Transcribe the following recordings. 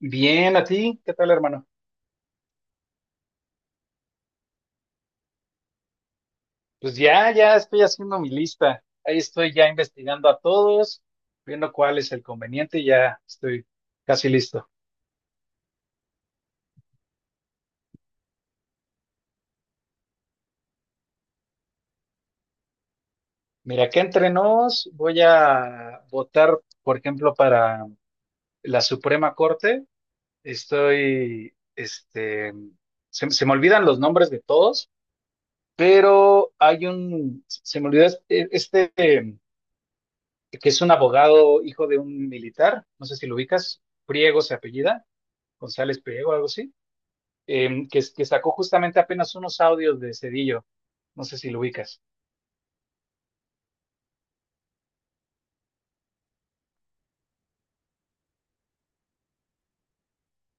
Bien, ¿a ti? ¿Qué tal, hermano? Pues ya estoy haciendo mi lista. Ahí estoy ya investigando a todos, viendo cuál es el conveniente y ya estoy casi listo. Mira, que entre nos voy a votar, por ejemplo, para la Suprema Corte. Estoy, se me olvidan los nombres de todos, pero se me olvidó que es un abogado hijo de un militar, no sé si lo ubicas, Priego se apellida. González Priego, algo así, que sacó justamente apenas unos audios de Cedillo. No sé si lo ubicas.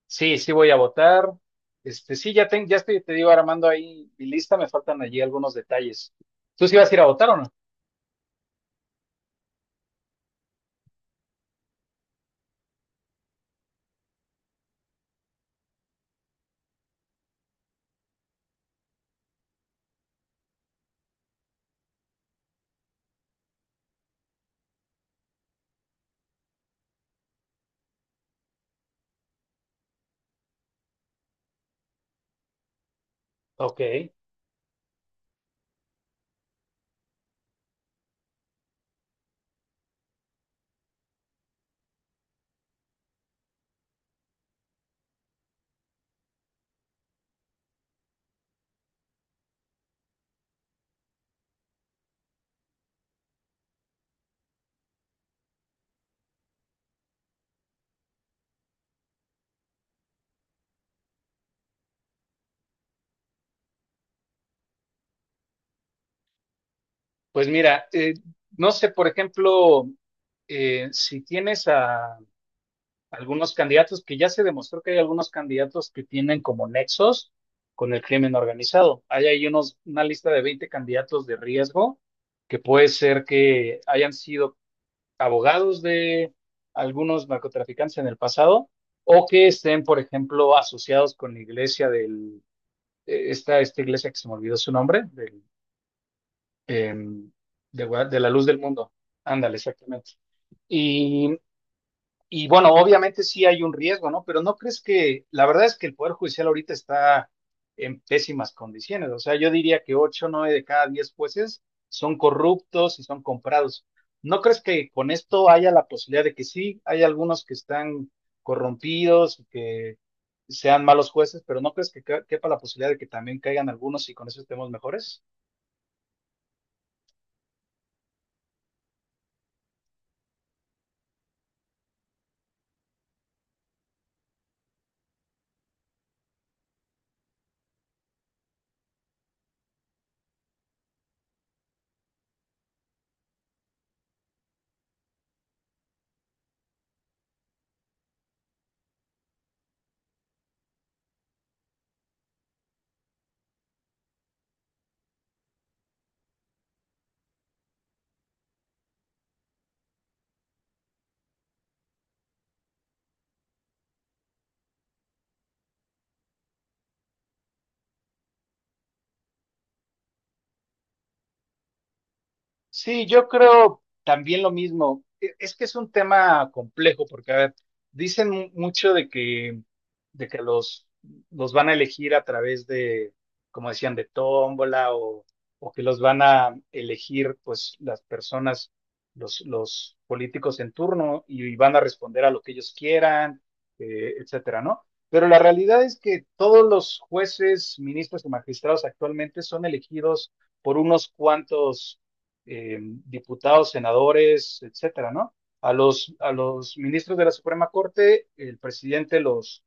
Sí, sí voy a votar. Este, sí, ya, ya estoy, te digo, armando ahí mi lista, me faltan allí algunos detalles. ¿Tú sí vas a ir a votar o no? Ok, pues mira, no sé, por ejemplo, si tienes a, algunos candidatos que ya se demostró que hay algunos candidatos que tienen como nexos con el crimen organizado. Hay ahí unos, una lista de 20 candidatos de riesgo que puede ser que hayan sido abogados de algunos narcotraficantes en el pasado o que estén, por ejemplo, asociados con la iglesia del, esta iglesia que se me olvidó su nombre, del, em, de, de la luz del mundo. Ándale, exactamente. Y y bueno, obviamente sí hay un riesgo, ¿no? Pero no crees que, la verdad es que el Poder Judicial ahorita está en pésimas condiciones. O sea, yo diría que 8 9 de cada 10 jueces son corruptos y son comprados. ¿No crees que con esto haya la posibilidad de que sí, hay algunos que están corrompidos, y que sean malos jueces, pero no crees que quepa la posibilidad de que también caigan algunos y con eso estemos mejores? Sí, yo creo también lo mismo. Es que es un tema complejo porque, a ver, dicen mucho de que, de que los, los van a elegir a través de, como decían, de tómbola o que los van a elegir, pues, las personas, los políticos en turno y van a responder a lo que ellos quieran, etcétera, ¿no? Pero la realidad es que todos los jueces, ministros y magistrados actualmente son elegidos por unos cuantos diputados, senadores, etcétera, ¿no? A a los ministros de la Suprema Corte, el presidente los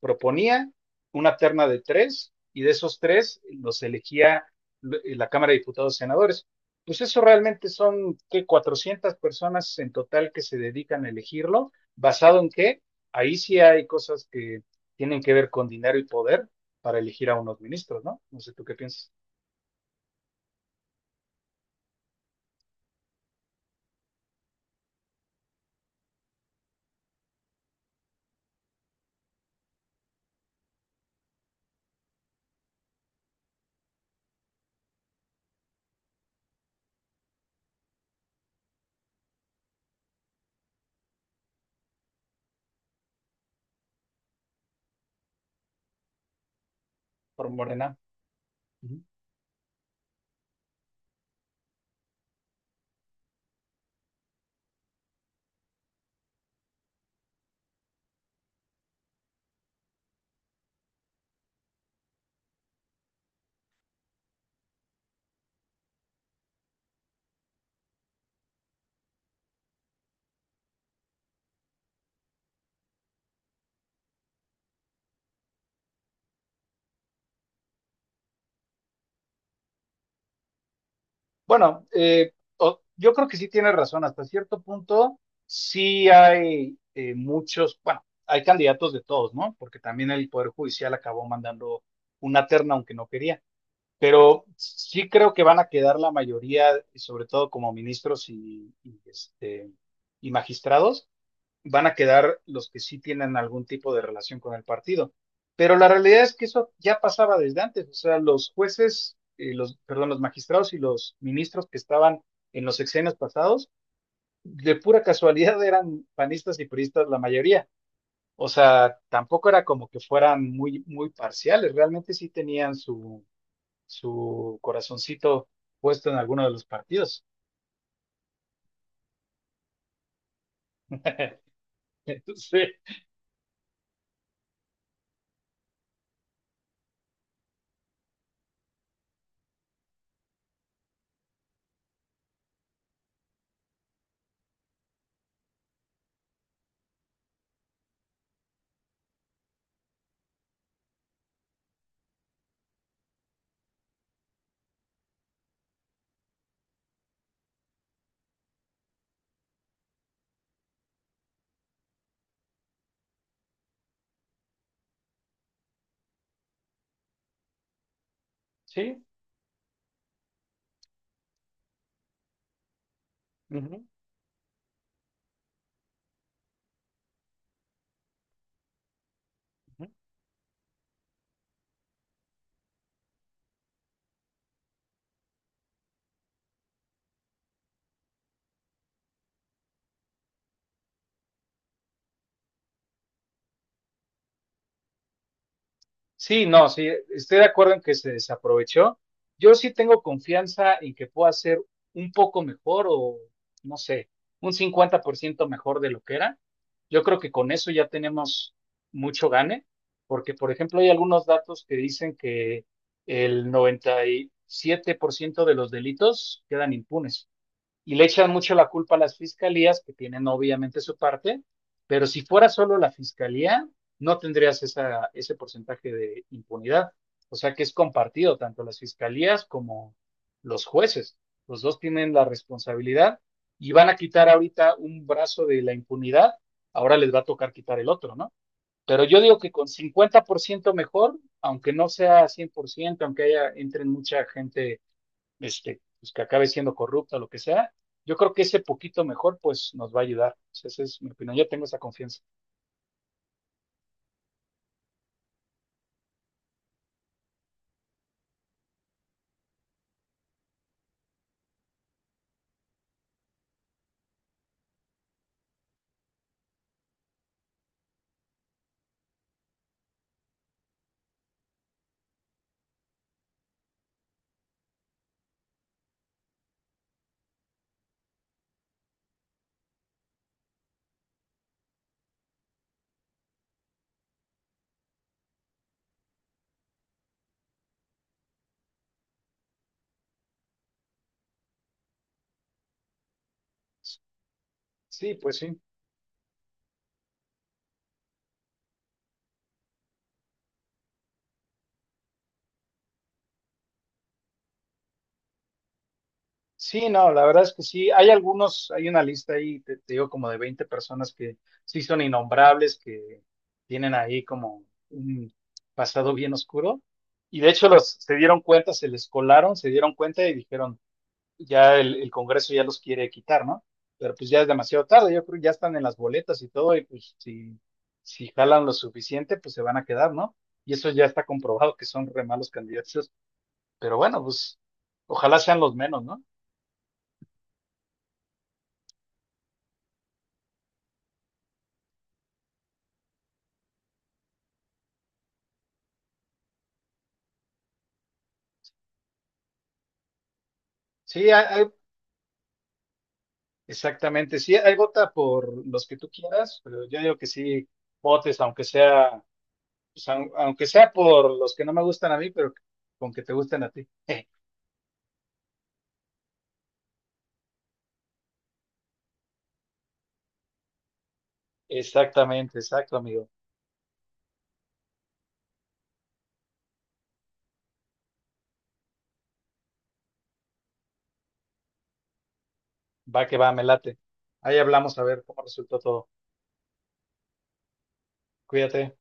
proponía una terna de 3 y de esos 3 los elegía la Cámara de Diputados y Senadores. Pues eso realmente son que 400 personas en total que se dedican a elegirlo, ¿basado en qué? Ahí sí hay cosas que tienen que ver con dinero y poder para elegir a unos ministros, ¿no? No sé tú qué piensas, por Morena. Uh -huh. Bueno, yo creo que sí tiene razón. Hasta cierto punto, sí hay muchos, bueno, hay candidatos de todos, ¿no? Porque también el Poder Judicial acabó mandando una terna, aunque no quería. Pero sí creo que van a quedar la mayoría, sobre todo como ministros y magistrados, van a quedar los que sí tienen algún tipo de relación con el partido. Pero la realidad es que eso ya pasaba desde antes, o sea, los jueces, los, perdón, los magistrados y los ministros que estaban en los sexenios pasados, de pura casualidad eran panistas y puristas la mayoría. O sea, tampoco era como que fueran muy, muy parciales, realmente sí tenían su, su corazoncito puesto en alguno de los partidos. Entonces, sí. Ujú, ujú. Sí, no, sí, estoy de acuerdo en que se desaprovechó. Yo sí tengo confianza en que pueda ser un poco mejor o, no sé, un 50% mejor de lo que era. Yo creo que con eso ya tenemos mucho gane, porque, por ejemplo, hay algunos datos que dicen que el 97% de los delitos quedan impunes y le echan mucho la culpa a las fiscalías, que tienen obviamente su parte, pero si fuera solo la fiscalía, no tendrías esa, ese porcentaje de impunidad. O sea que es compartido, tanto las fiscalías como los jueces. Los dos tienen la responsabilidad y van a quitar ahorita un brazo de la impunidad, ahora les va a tocar quitar el otro, ¿no? Pero yo digo que con 50% mejor, aunque no sea 100%, aunque haya, entren mucha gente pues que acabe siendo corrupta o lo que sea, yo creo que ese poquito mejor, pues nos va a ayudar. O sea, esa es mi opinión, yo tengo esa confianza. Sí, pues sí. Sí, no, la verdad es que sí, hay algunos, hay una lista ahí, te digo, como de 20 personas que sí son innombrables, que tienen ahí como un pasado bien oscuro. Y de hecho los se dieron cuenta, se les colaron, se dieron cuenta y dijeron, ya el Congreso ya los quiere quitar, ¿no? Pero pues ya es demasiado tarde, yo creo que ya están en las boletas y todo, y pues si jalan lo suficiente, pues se van a quedar, ¿no? Y eso ya está comprobado que son re malos candidatos, pero bueno, pues ojalá sean los menos, ¿no? Sí, exactamente, sí, hay vota por los que tú quieras, pero yo digo que sí, votes, aunque sea, pues, aunque sea por los que no me gustan a mí, pero con que te gusten a ti. Exactamente, exacto, amigo. Va que va, me late. Ahí hablamos a ver cómo resultó todo. Cuídate.